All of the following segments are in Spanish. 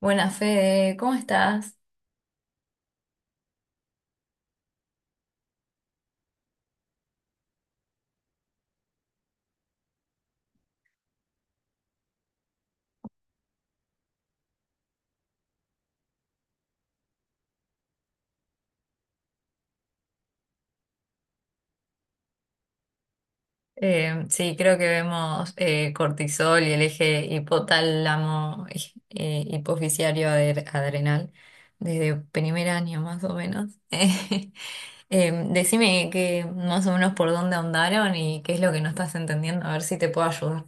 Buenas, Fede, ¿cómo estás? Sí, creo que vemos cortisol y el eje hipotálamo, hipoficiario adrenal desde primer año más o menos. Decime que más o menos por dónde andaron y qué es lo que no estás entendiendo, a ver si te puedo ayudar.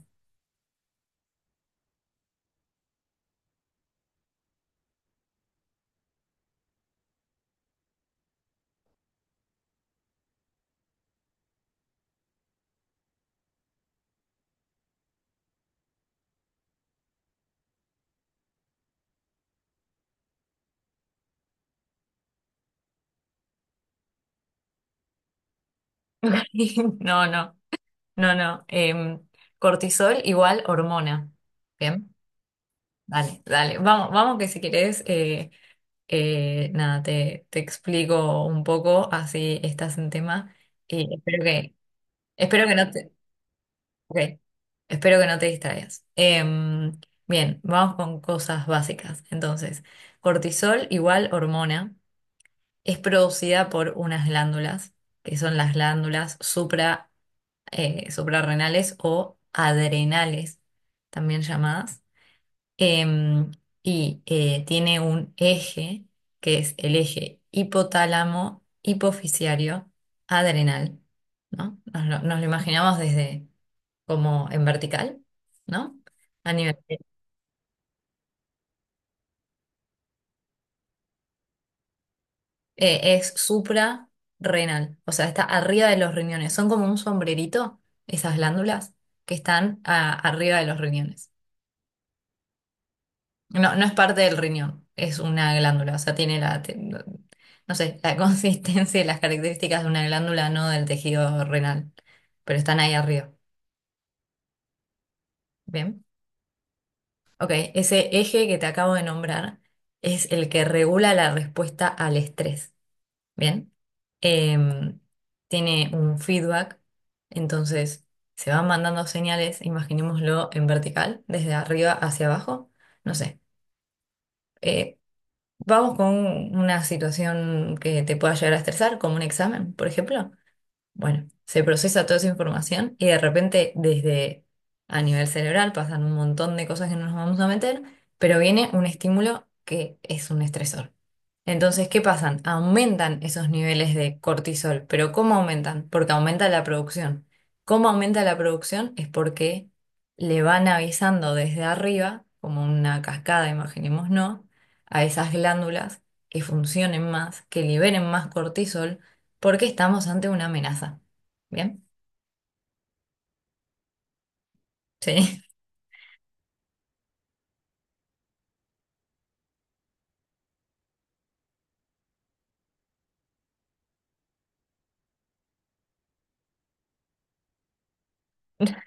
No, no, no, no. Em, cortisol igual hormona. Bien, dale, dale. Vamos, vamos que si querés. Nada, te explico un poco, así estás en tema y espero que no ok, espero que no te distraigas. Em, bien, vamos con cosas básicas. Entonces, cortisol igual hormona, es producida por unas glándulas, que son las glándulas supra, suprarrenales o adrenales, también llamadas. Em, y tiene un eje, que es el eje hipotálamo, hipofisiario, adrenal, ¿no? Nos lo imaginamos desde como en vertical, ¿no? A nivel, es suprarrenal, o sea, está arriba de los riñones. Son como un sombrerito, esas glándulas que están arriba de los riñones. No, no es parte del riñón, es una glándula, o sea, tiene no no sé, la consistencia y las características de una glándula, no del tejido renal, pero están ahí arriba. Bien. Ok, ese eje que te acabo de nombrar es el que regula la respuesta al estrés. Bien. Em, tiene un feedback, entonces se van mandando señales, imaginémoslo en vertical, desde arriba hacia abajo, no sé. Eh, Vamos con una situación que te pueda llegar a estresar, como un examen, por ejemplo. Bueno, se procesa toda esa información y de repente desde a nivel cerebral pasan un montón de cosas que no nos vamos a meter, pero viene un estímulo que es un estresor. Entonces, ¿qué pasan? Aumentan esos niveles de cortisol, pero ¿cómo aumentan? Porque aumenta la producción. ¿Cómo aumenta la producción? Es porque le van avisando desde arriba, como una cascada, imaginemos, ¿no? A esas glándulas que funcionen más, que liberen más cortisol porque estamos ante una amenaza. ¿Bien? Sí.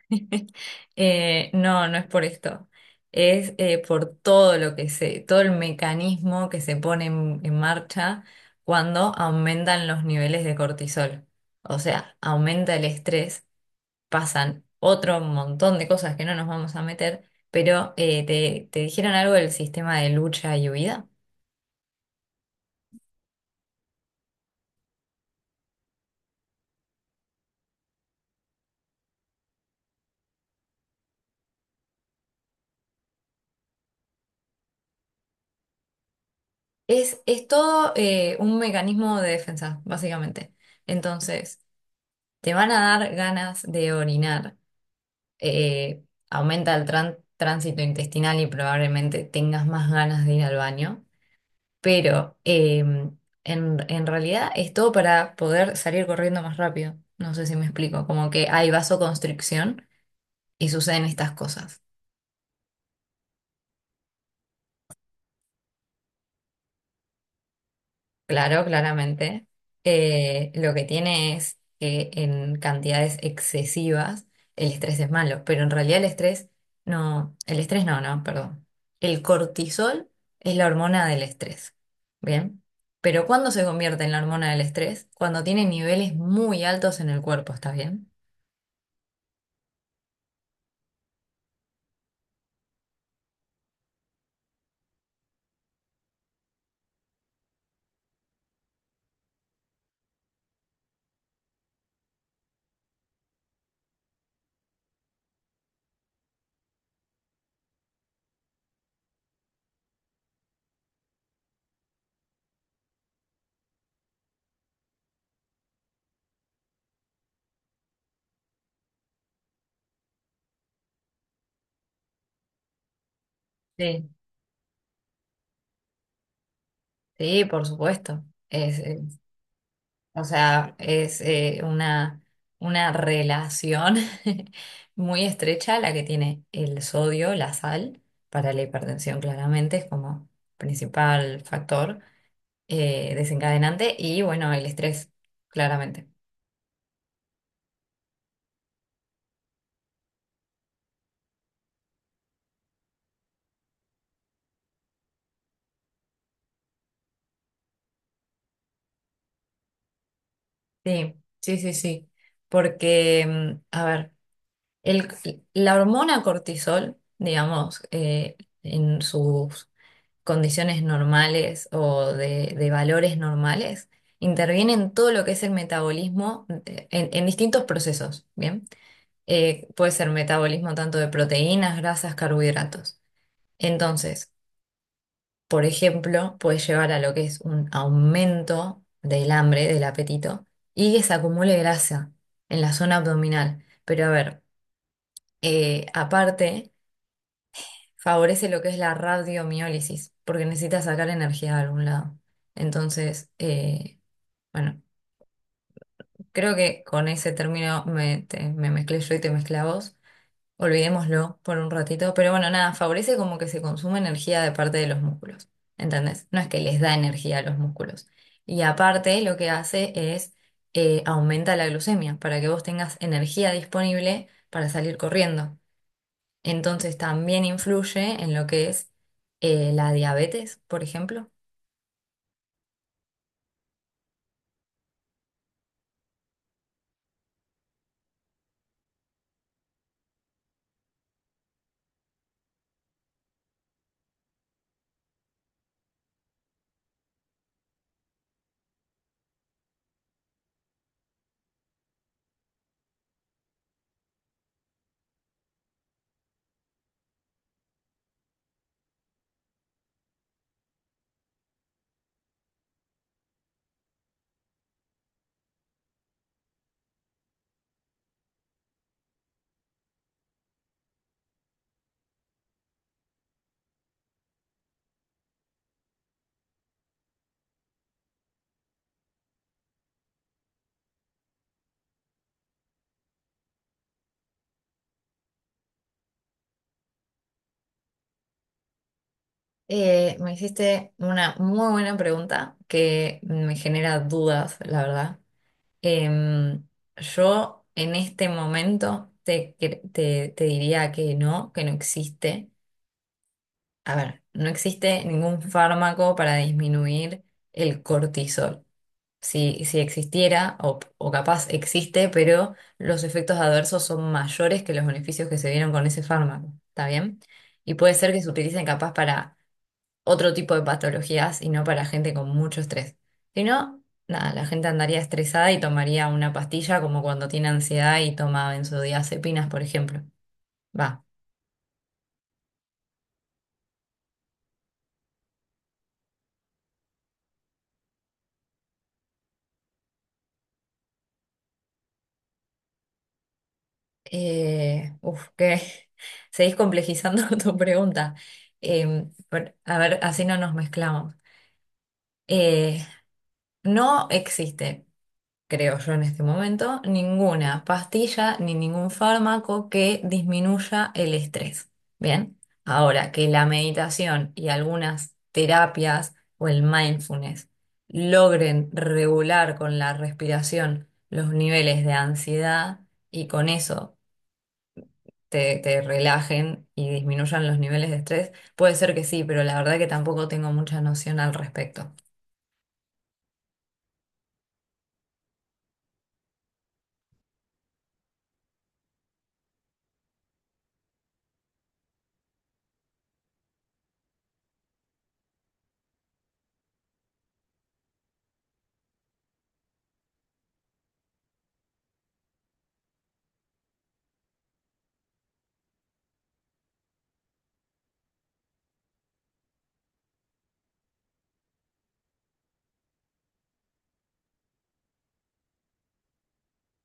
No, no es por esto. Es por todo lo que se, todo el mecanismo que se pone en marcha cuando aumentan los niveles de cortisol. O sea, aumenta el estrés, pasan otro montón de cosas que no nos vamos a meter, pero te dijeron algo del sistema de lucha y huida. Es todo un mecanismo de defensa, básicamente. Entonces, te van a dar ganas de orinar. Eh, aumenta el tránsito intestinal y probablemente tengas más ganas de ir al baño. Pero en realidad es todo para poder salir corriendo más rápido. No sé si me explico. Como que hay vasoconstricción y suceden estas cosas. Claro, claramente. Lo que tiene es que en cantidades excesivas el estrés es malo, pero en realidad el estrés no, no, perdón. El cortisol es la hormona del estrés, ¿bien? Pero ¿cuándo se convierte en la hormona del estrés? Cuando tiene niveles muy altos en el cuerpo, ¿está bien? Sí. Sí, por supuesto. O sea, es una relación muy estrecha la que tiene el sodio, la sal, para la hipertensión claramente es como principal factor desencadenante y bueno, el estrés, claramente. Sí, sí, sí, sí. Porque, mm, a ver, el, la hormona cortisol, digamos, en sus condiciones normales o de valores normales, interviene en todo lo que es el metabolismo en distintos procesos, ¿bien? Puede ser metabolismo tanto de proteínas, grasas, carbohidratos. Entonces, por ejemplo, puede llevar a lo que es un aumento del hambre, del apetito, y que se acumule grasa en la zona abdominal. Pero a ver, aparte favorece lo que es la radiomiólisis, porque necesita sacar energía de algún lado. Entonces, bueno, creo que con ese término me mezclé yo y te mezclé a vos. Olvidémoslo por un ratito, pero bueno, nada, favorece como que se consume energía de parte de los músculos, ¿entendés? No es que les da energía a los músculos. Y aparte lo que hace es aumenta la glucemia para que vos tengas energía disponible para salir corriendo. Entonces también influye en lo que es la diabetes, por ejemplo. Me hiciste una muy buena pregunta que me genera dudas, la verdad. Em, yo en este momento te diría que no existe. A ver, no existe ningún fármaco para disminuir el cortisol. Si, si existiera, o capaz existe, pero los efectos adversos son mayores que los beneficios que se dieron con ese fármaco, ¿está bien? Y puede ser que se utilicen capaz para otro tipo de patologías y no para gente con mucho estrés. Si no, nada, la gente andaría estresada y tomaría una pastilla como cuando tiene ansiedad y toma benzodiazepinas, por ejemplo. Va. Uf, que seguís complejizando tu pregunta. A ver, así no nos mezclamos. Eh, No existe, creo yo en este momento, ninguna pastilla ni ningún fármaco que disminuya el estrés. Bien, ahora que la meditación y algunas terapias o el mindfulness logren regular con la respiración los niveles de ansiedad y con eso te relajen y disminuyan los niveles de estrés, puede ser que sí, pero la verdad que tampoco tengo mucha noción al respecto.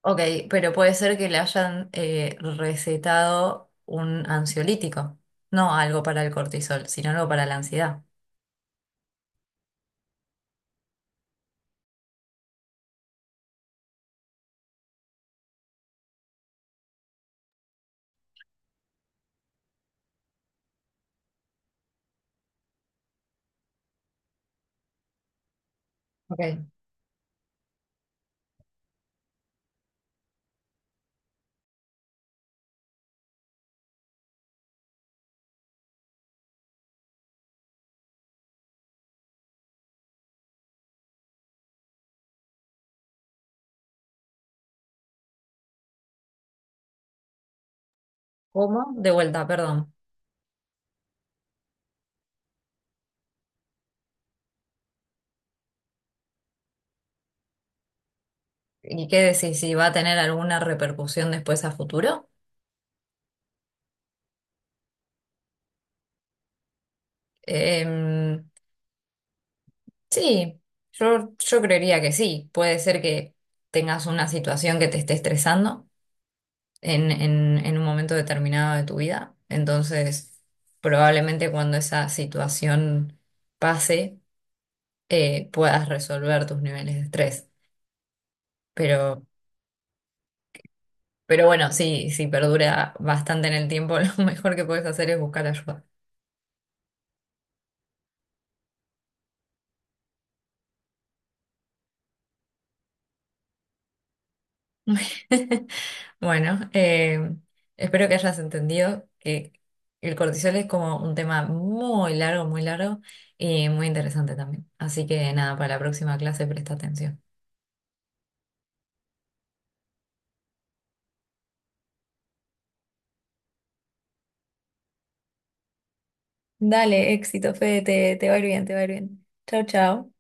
Ok, pero puede ser que le hayan recetado un ansiolítico, no algo para el cortisol, sino algo para la ansiedad. Ok, ¿cómo? De vuelta, perdón. ¿Y qué decís? ¿Si va a tener alguna repercusión después a futuro? Em, sí, yo, yo creería que sí. Puede ser que tengas una situación que te esté estresando en un momento determinado de tu vida. Entonces, probablemente cuando esa situación pase puedas resolver tus niveles de estrés. Pero, pero bueno, sí, si perdura bastante en el tiempo, lo mejor que puedes hacer es buscar ayuda. Bueno, espero que hayas entendido que el cortisol es como un tema muy largo y muy interesante también. Así que nada, para la próxima clase presta atención. Dale, éxito, Fede, te va a ir bien, te va a ir bien. Chao, chao.